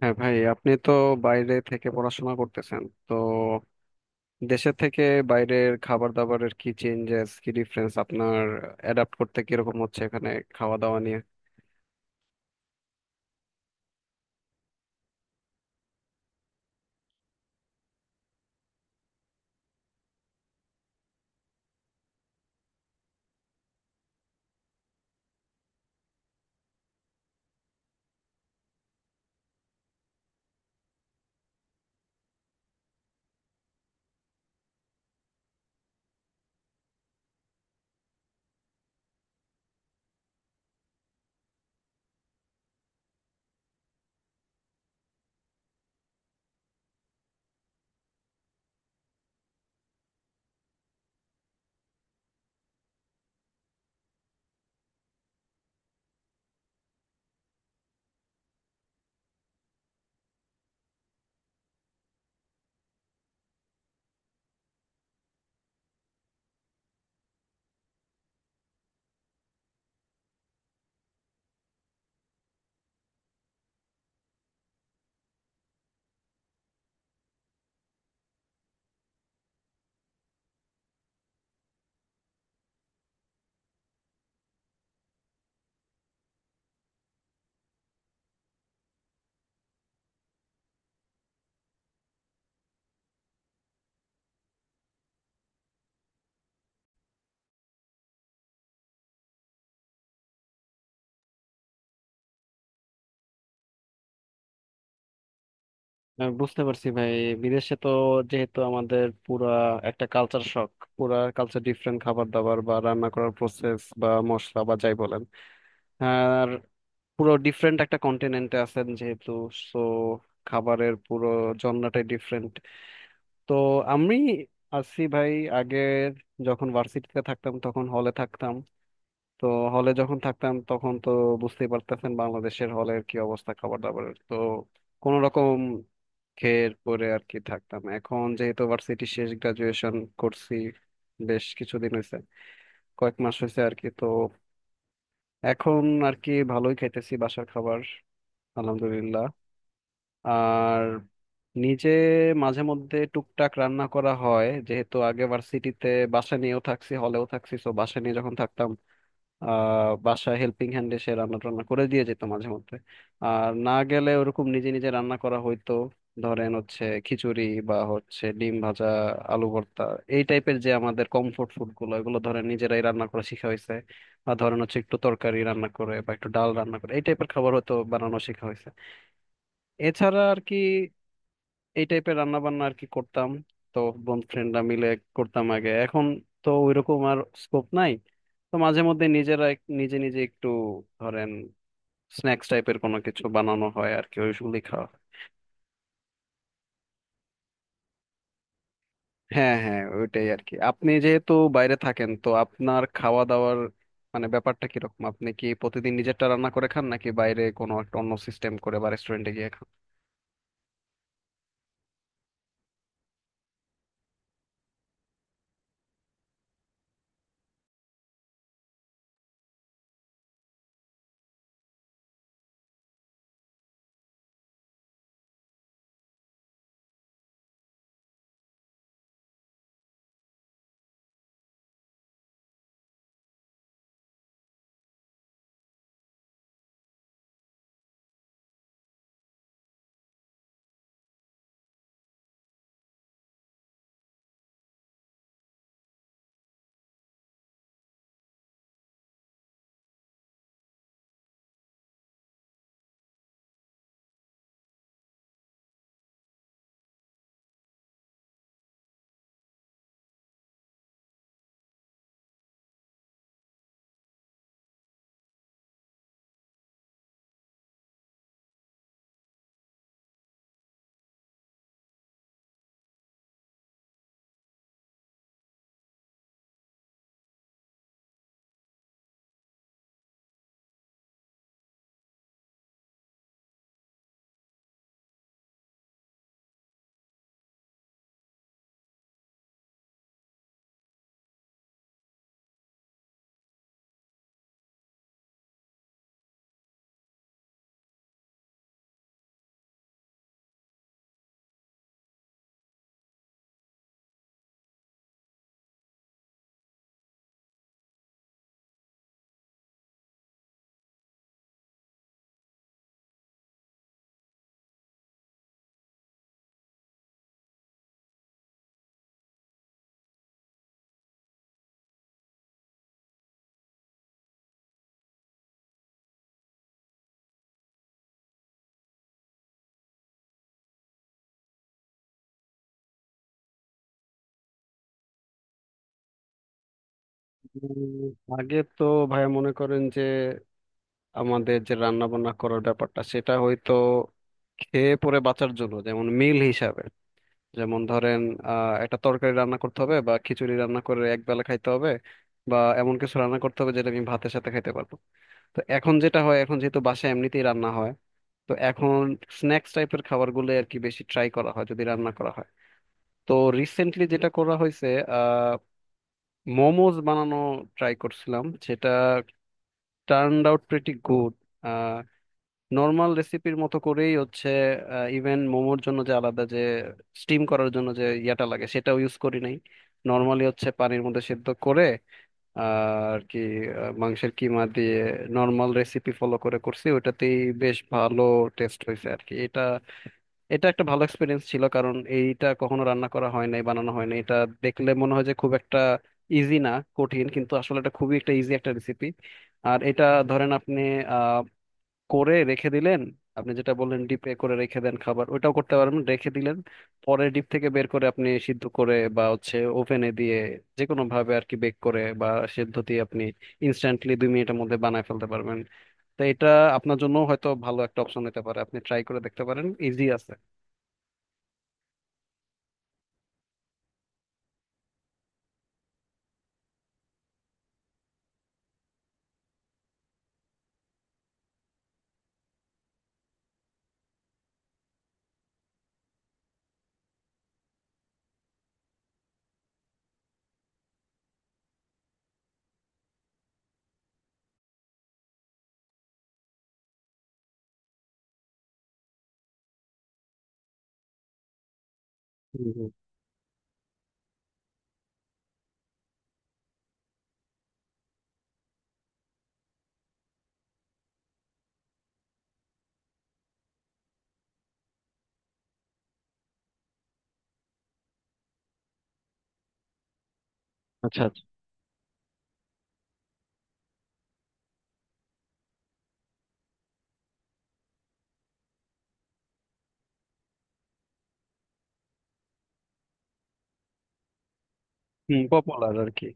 হ্যাঁ ভাই, আপনি তো বাইরে থেকে পড়াশোনা করতেছেন তো, দেশে থেকে বাইরের খাবার দাবারের কি চেঞ্জেস, কি ডিফারেন্স আপনার অ্যাডাপ্ট করতে কিরকম হচ্ছে এখানে খাওয়া দাওয়া নিয়ে? বুঝতে পারছি ভাই। বিদেশে তো যেহেতু আমাদের পুরা একটা কালচার শক, পুরা কালচার ডিফারেন্ট, খাবার দাবার বা রান্না করার প্রসেস বা মশলা বা যাই বলেন, আর পুরো ডিফারেন্ট একটা কন্টিনেন্টে আছেন যেহেতু, সো খাবারের পুরো জন্নাটাই ডিফারেন্ট। তো আমি আসি ভাই, আগের, যখন ভার্সিটিতে থাকতাম তখন হলে থাকতাম। তো হলে যখন থাকতাম তখন তো বুঝতেই পারতেছেন বাংলাদেশের হলের কি অবস্থা খাবার দাবারের, তো কোনো রকম খেয়ে পরে আর কি থাকতাম। এখন যেহেতু ভার্সিটি শেষ, গ্রাজুয়েশন করছি, বেশ কিছুদিন হয়েছে, কয়েক মাস হয়েছে আর কি, তো এখন আর কি ভালোই খাইতেছি বাসার খাবার, আলহামদুলিল্লাহ। আর নিজে মাঝে মধ্যে টুকটাক রান্না করা হয়, যেহেতু আগে ভার্সিটিতে বাসা নিয়েও থাকছি, হলেও থাকছি, তো বাসা নিয়ে যখন থাকতাম, বাসা হেল্পিং হ্যান্ড এসে রান্না টান্না করে দিয়ে যেত মাঝে মধ্যে, আর না গেলে ওরকম নিজে নিজে রান্না করা হইতো। ধরেন হচ্ছে খিচুড়ি বা হচ্ছে ডিম ভাজা, আলু ভর্তা, এই টাইপের যে আমাদের কমফোর্ট ফুড গুলো, এগুলো ধরেন নিজেরাই রান্না করা শিখা হয়েছে, বা ধরেন হচ্ছে একটু তরকারি রান্না করে বা একটু ডাল রান্না করে এই টাইপের খাবার হয়তো বানানো শেখা হয়েছে। এছাড়া আর কি এই টাইপের রান্না বান্না আর কি করতাম। তো বন্ধু ফ্রেন্ডরা মিলে করতাম আগে, এখন তো ওইরকম আর স্কোপ নাই। তো মাঝে মধ্যে নিজেরা নিজে নিজে একটু ধরেন স্ন্যাক্স টাইপের কোনো কিছু বানানো হয় আর কি, ওইগুলি খাওয়া হয়। হ্যাঁ হ্যাঁ, ওইটাই আর কি। আপনি যেহেতু বাইরে থাকেন তো আপনার খাওয়া দাওয়ার মানে ব্যাপারটা কিরকম? আপনি কি প্রতিদিন নিজেরটা রান্না করে খান নাকি বাইরে কোনো একটা অন্য সিস্টেম করে বা রেস্টুরেন্টে গিয়ে খান? আগে তো, ভাইয়া, মনে করেন যে আমাদের যে রান্না বান্না করার ব্যাপারটা, সেটা হয়তো খেয়ে পরে বাঁচার জন্য, যেমন মিল হিসাবে, যেমন ধরেন একটা তরকারি রান্না করতে হবে বা খিচুড়ি রান্না করে এক বেলা খাইতে হবে, বা এমন কিছু রান্না করতে হবে যেটা আমি ভাতের সাথে খাইতে পারবো। তো এখন যেটা হয়, এখন যেহেতু বাসায় এমনিতেই রান্না হয়, তো এখন স্ন্যাক্স টাইপের খাবারগুলো আর কি বেশি ট্রাই করা হয় যদি রান্না করা হয়। তো রিসেন্টলি যেটা করা হয়েছে, আহ মোমোজ বানানো ট্রাই করছিলাম, সেটা turn out pretty good. Normal রেসিপির মতো করেই হচ্ছে, ইভেন মোমোর জন্য যে আলাদা যে স্টিম করার জন্য যে ইয়াটা লাগে সেটাও ইউজ করি নাই, নর্মালি হচ্ছে পানির মধ্যে সেদ্ধ করে, আহ, আর কি, মাংসের কিমা দিয়ে নর্মাল রেসিপি ফলো করে করছি ওইটাতেই। বেশ ভালো টেস্ট হয়েছে আর কি এটা। এটা একটা ভালো এক্সপিরিয়েন্স ছিল, কারণ এইটা কখনো রান্না করা হয় নাই, বানানো হয় নাই। এটা দেখলে মনে হয় যে খুব একটা ইজি না, কঠিন, কিন্তু আসলে এটা খুবই একটা ইজি একটা রেসিপি। আর এটা ধরেন আপনি করে রেখে দিলেন, আপনি যেটা বললেন ডিপে করে রেখে দেন খাবার, ওটাও করতে পারেন, রেখে দিলেন, পরে ডিপ থেকে বের করে আপনি সিদ্ধ করে বা হচ্ছে ওভেনে দিয়ে, যে কোনো ভাবে আর কি বেক করে বা সিদ্ধ দিয়ে আপনি ইনস্ট্যান্টলি দুই মিনিটের মধ্যে বানায় ফেলতে পারবেন। তো এটা আপনার জন্য হয়তো ভালো একটা অপশন হতে পারে, আপনি ট্রাই করে দেখতে পারেন, ইজি আছে। হুম, হুম। আচ্ছা আচ্ছা। হুম, পপুলার আর কি।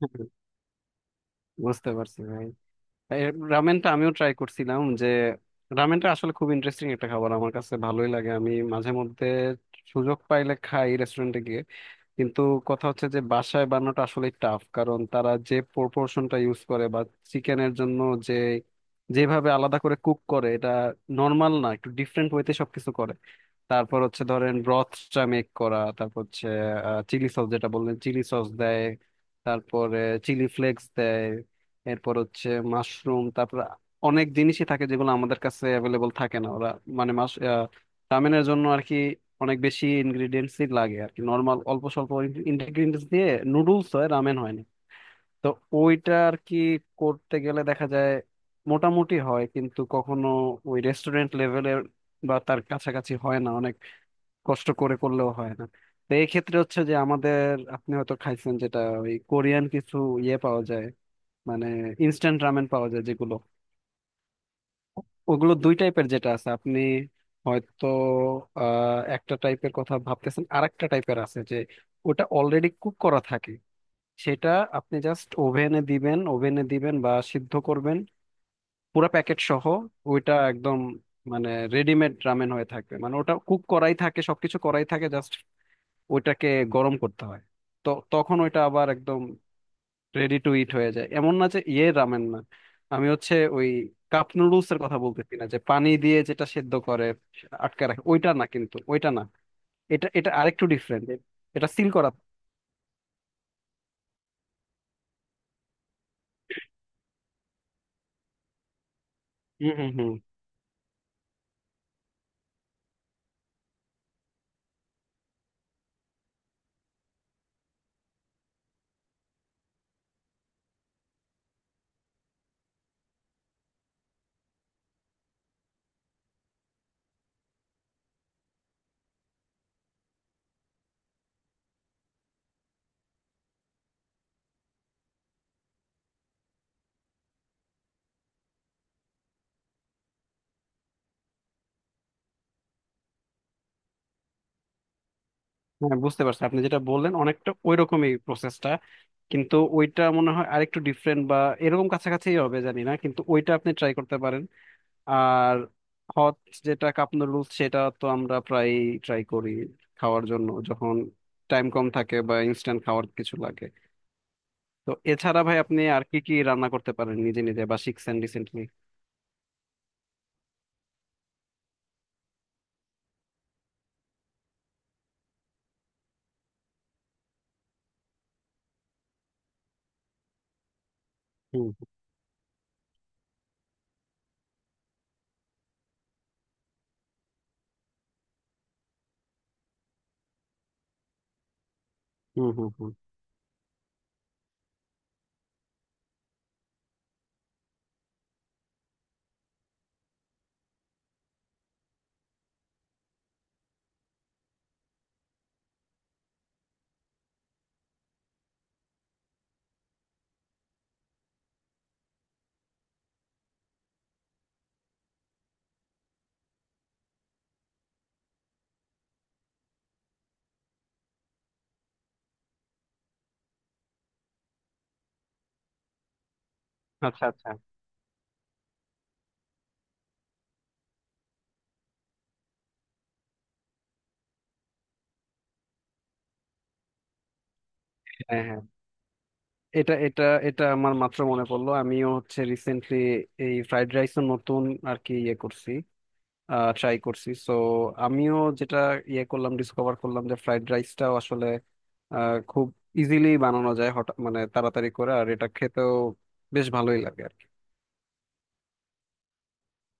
হুম, হুম। বুঝতে পারছি ভাই। এই রামেনটা আমিও ট্রাই করছিলাম, যে রামেনটা আসলে খুব ইন্টারেস্টিং একটা খাবার, আমার কাছে ভালোই লাগে, আমি মাঝে মধ্যে সুযোগ পাইলে খাই রেস্টুরেন্টে গিয়ে। কিন্তু কথা হচ্ছে যে বাসায় বানানোটা আসলে টাফ, কারণ তারা যে প্রপোর্শনটা ইউজ করে, বা চিকেনের জন্য যে, যেভাবে আলাদা করে কুক করে, এটা নর্মাল না, একটু ডিফারেন্ট ওয়েতে সবকিছু করে। তারপর হচ্ছে ধরেন ব্রথটা মেক করা, তারপর হচ্ছে চিলি সস, যেটা বললেন চিলি সস দেয়, তারপরে চিলি ফ্লেক্স দেয়, এরপর হচ্ছে মাশরুম, তারপর অনেক জিনিসই থাকে যেগুলো আমাদের কাছে অ্যাভেলেবল থাকে না। ওরা, মানে রামেনের জন্য আর কি অনেক বেশি ইনগ্রিডিয়েন্টসই লাগে আর কি, নর্মাল অল্প স্বল্প ইনগ্রিডিয়েন্টস দিয়ে নুডলস হয়, রামেন হয় না। তো ওইটা আর কি করতে গেলে দেখা যায় মোটামুটি হয়, কিন্তু কখনো ওই রেস্টুরেন্ট লেভেলের বা তার কাছাকাছি হয় না, অনেক কষ্ট করে করলেও হয় না। তো এই ক্ষেত্রে হচ্ছে যে আমাদের, আপনি হয়তো খাইছেন যেটা, ওই কোরিয়ান কিছু ইয়ে পাওয়া যায়, মানে ইনস্ট্যান্ট রামেন পাওয়া যায় যেগুলো, ওগুলো দুই টাইপের যেটা আছে, আপনি হয়তো একটা টাইপের কথা ভাবতেছেন, আরেকটা টাইপের আছে যে ওটা অলরেডি কুক করা থাকে, সেটা আপনি জাস্ট ওভেনে দিবেন, ওভেনে দিবেন বা সিদ্ধ করবেন পুরো প্যাকেট সহ। ওইটা একদম, মানে রেডিমেড রামেন হয়ে থাকবে, মানে ওটা কুক করাই থাকে, সবকিছু করাই থাকে, জাস্ট ওইটাকে গরম করতে হয়। তো তখন ওইটা আবার একদম রেডি টু ইট হয়ে যায়, এমন না যে ইয়ে রামেন না। আমি হচ্ছে ওই কাপ নুডলস এর কথা বলতেছি না, যে পানি দিয়ে যেটা সেদ্ধ করে আটকে রাখে ওইটা না, কিন্তু ওইটা না, এটা এটা আরেকটু ডিফারেন্ট, এটা সিল করা। হুম হুম হুম। হ্যাঁ বুঝতে পারছি, আপনি যেটা বললেন অনেকটা ওইরকমই প্রসেসটা, কিন্তু ওইটা মনে হয় আরেকটু ডিফারেন্ট বা এরকম কাছাকাছি হবে জানি না, কিন্তু ওইটা আপনি ট্রাই করতে পারেন। আর হট, যেটা কাপ নুডলস, সেটা তো আমরা প্রায় ট্রাই করি খাওয়ার জন্য, যখন টাইম কম থাকে বা ইনস্ট্যান্ট খাওয়ার কিছু লাগে। তো এছাড়া ভাই আপনি আর কি কি রান্না করতে পারেন নিজে নিজে বা শিখছেন রিসেন্টলি? হুম হুম হুম। হুম। আচ্ছা আচ্ছা। হ্যাঁ হ্যাঁ। এটা এটা এটা আমার মাত্র মনে পড়লো, আমিও হচ্ছে রিসেন্টলি এই ফ্রাইড রাইস নতুন আর কি ইয়ে করছি, ট্রাই করছি, সো আমিও যেটা ইয়ে করলাম, ডিসকভার করলাম, যে ফ্রাইড রাইসটাও আসলে খুব ইজিলি বানানো যায় হঠাৎ, মানে তাড়াতাড়ি করে, আর এটা খেতেও বেশ ভালোই লাগে আর কি।